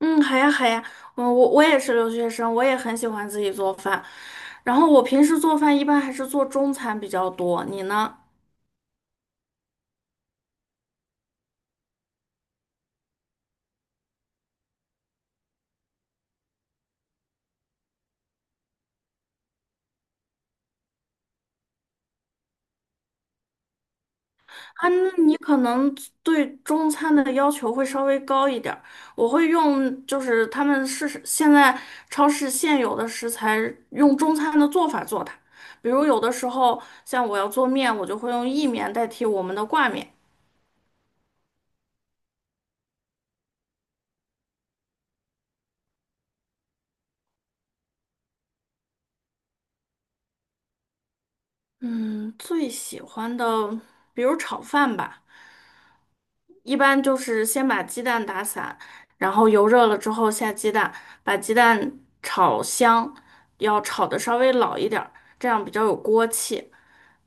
嗯，好呀，好呀，我也是留学生，我也很喜欢自己做饭。然后我平时做饭一般还是做中餐比较多，你呢？啊，那你可能对中餐的要求会稍微高一点儿。我会用就是他们是现在超市现有的食材，用中餐的做法做它。比如有的时候像我要做面，我就会用意面代替我们的挂面。嗯，最喜欢的，比如炒饭吧。一般就是先把鸡蛋打散，然后油热了之后下鸡蛋，把鸡蛋炒香，要炒的稍微老一点儿，这样比较有锅气。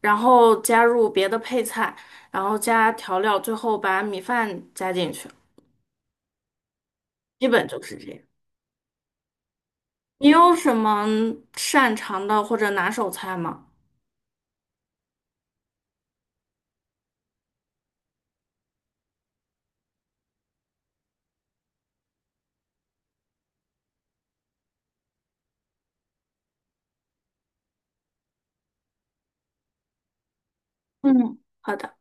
然后加入别的配菜，然后加调料，最后把米饭加进去，基本就是这样。你有什么擅长的或者拿手菜吗？嗯，好的。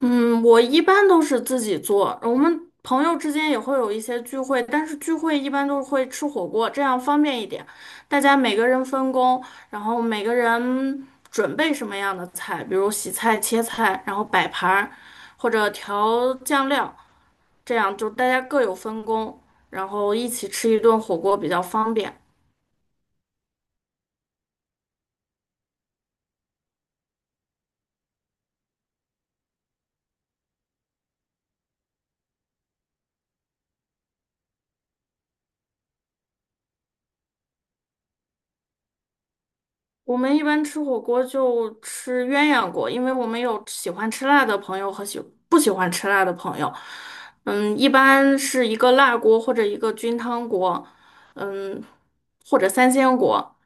嗯，我一般都是自己做，我们朋友之间也会有一些聚会，但是聚会一般都会吃火锅，这样方便一点。大家每个人分工，然后每个人准备什么样的菜，比如洗菜、切菜，然后摆盘儿，或者调酱料，这样就大家各有分工，然后一起吃一顿火锅比较方便。我们一般吃火锅就吃鸳鸯锅，因为我们有喜欢吃辣的朋友和不喜欢吃辣的朋友。一般是一个辣锅或者一个菌汤锅，嗯，或者三鲜锅。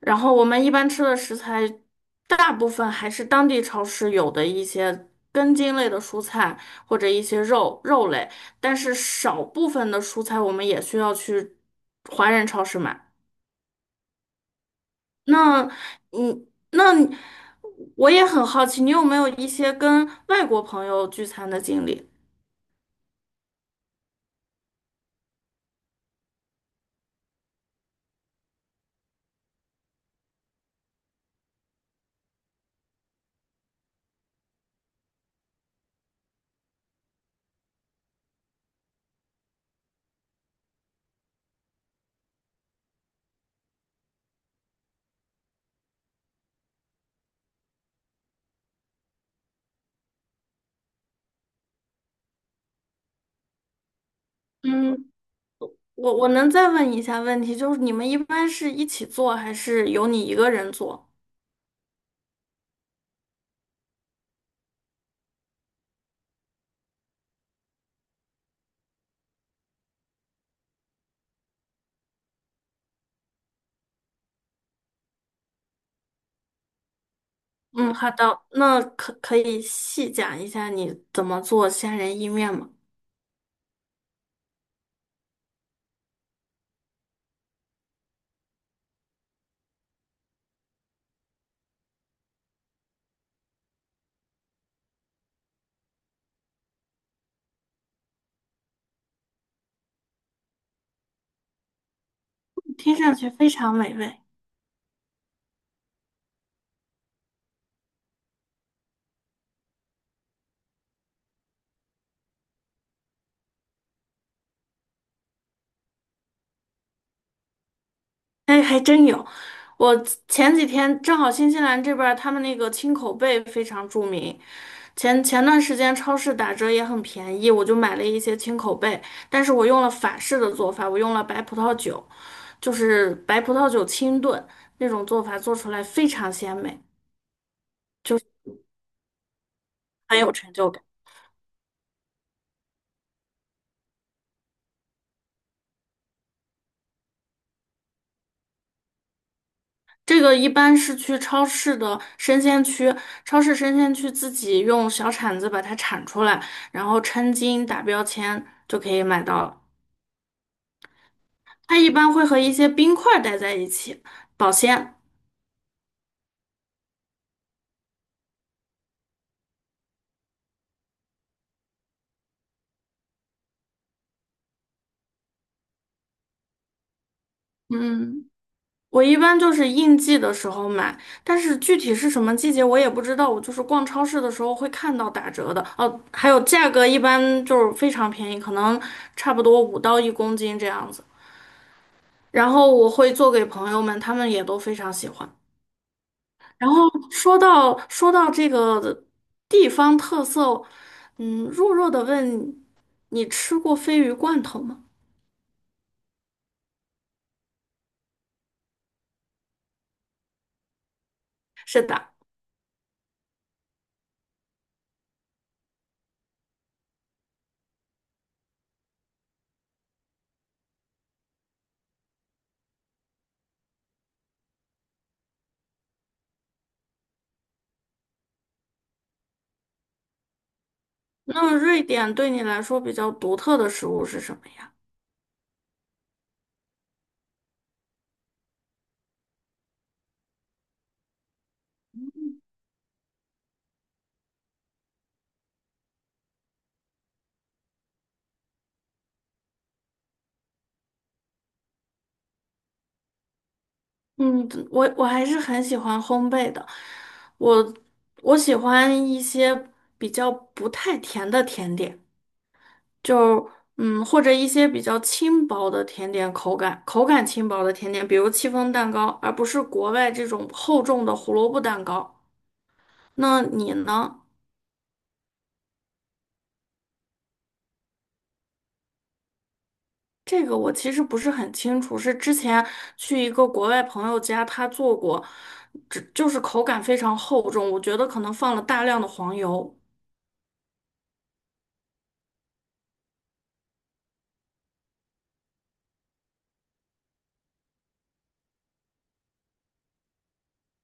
然后我们一般吃的食材，大部分还是当地超市有的一些根茎类的蔬菜或者一些肉肉类，但是少部分的蔬菜我们也需要去华人超市买。那嗯，那你我也很好奇，你有没有一些跟外国朋友聚餐的经历？嗯，我能再问一下问题，就是你们一般是一起做，还是由你一个人做？嗯，好的，那可以细讲一下你怎么做虾仁意面吗？听上去非常美味。哎，还真有。我前几天正好新西兰这边儿他们那个青口贝非常著名，前段时间超市打折也很便宜，我就买了一些青口贝，但是我用了法式的做法，我用了白葡萄酒，就是白葡萄酒清炖那种做法，做出来非常鲜美，很有成就感。这个一般是去超市的生鲜区，超市生鲜区自己用小铲子把它铲出来，然后称斤打标签就可以买到了。它一般会和一些冰块儿待在一起保鲜。嗯，我一般就是应季的时候买，但是具体是什么季节我也不知道。我就是逛超市的时候会看到打折的，哦，还有价格一般就是非常便宜，可能差不多五到一公斤这样子。然后我会做给朋友们，他们也都非常喜欢。然后说到这个地方特色，弱弱的问你吃过鲱鱼罐头吗？是的。那瑞典对你来说比较独特的食物是什么呀？嗯，我还是很喜欢烘焙的，我我喜欢一些比较不太甜的甜点，就或者一些比较轻薄的甜点，口感轻薄的甜点，比如戚风蛋糕，而不是国外这种厚重的胡萝卜蛋糕。那你呢？这个我其实不是很清楚，是之前去一个国外朋友家，他做过，只就是口感非常厚重，我觉得可能放了大量的黄油。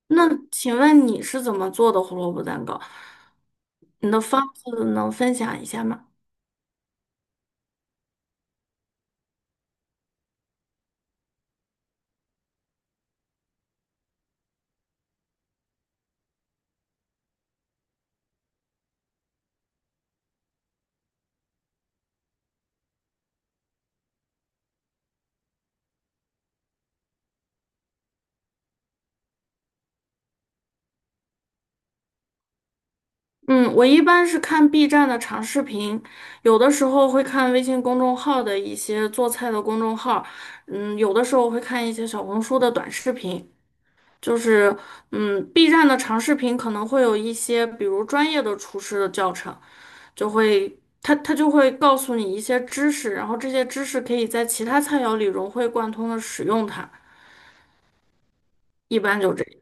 那请问你是怎么做的胡萝卜蛋糕？你的方子能分享一下吗？嗯，我一般是看 B 站的长视频，有的时候会看微信公众号的一些做菜的公众号，嗯，有的时候会看一些小红书的短视频。就是，嗯，B 站的长视频可能会有一些，比如专业的厨师的教程，就会他他就会告诉你一些知识，然后这些知识可以在其他菜肴里融会贯通的使用它，一般就这样。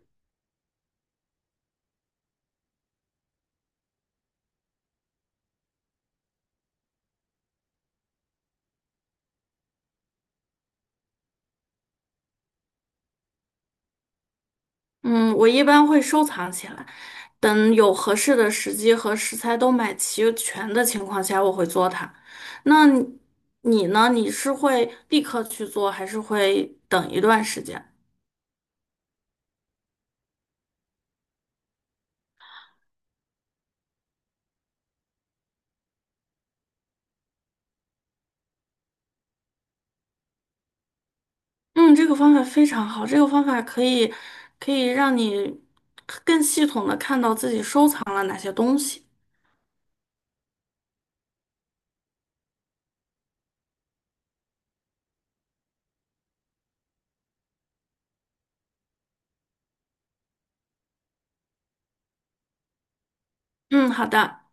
嗯，我一般会收藏起来，等有合适的时机和食材都买齐全的情况下，我会做它。那你呢？你是会立刻去做，还是会等一段时间？嗯，这个方法非常好，这个方法可以让你更系统的看到自己收藏了哪些东西。嗯，好的。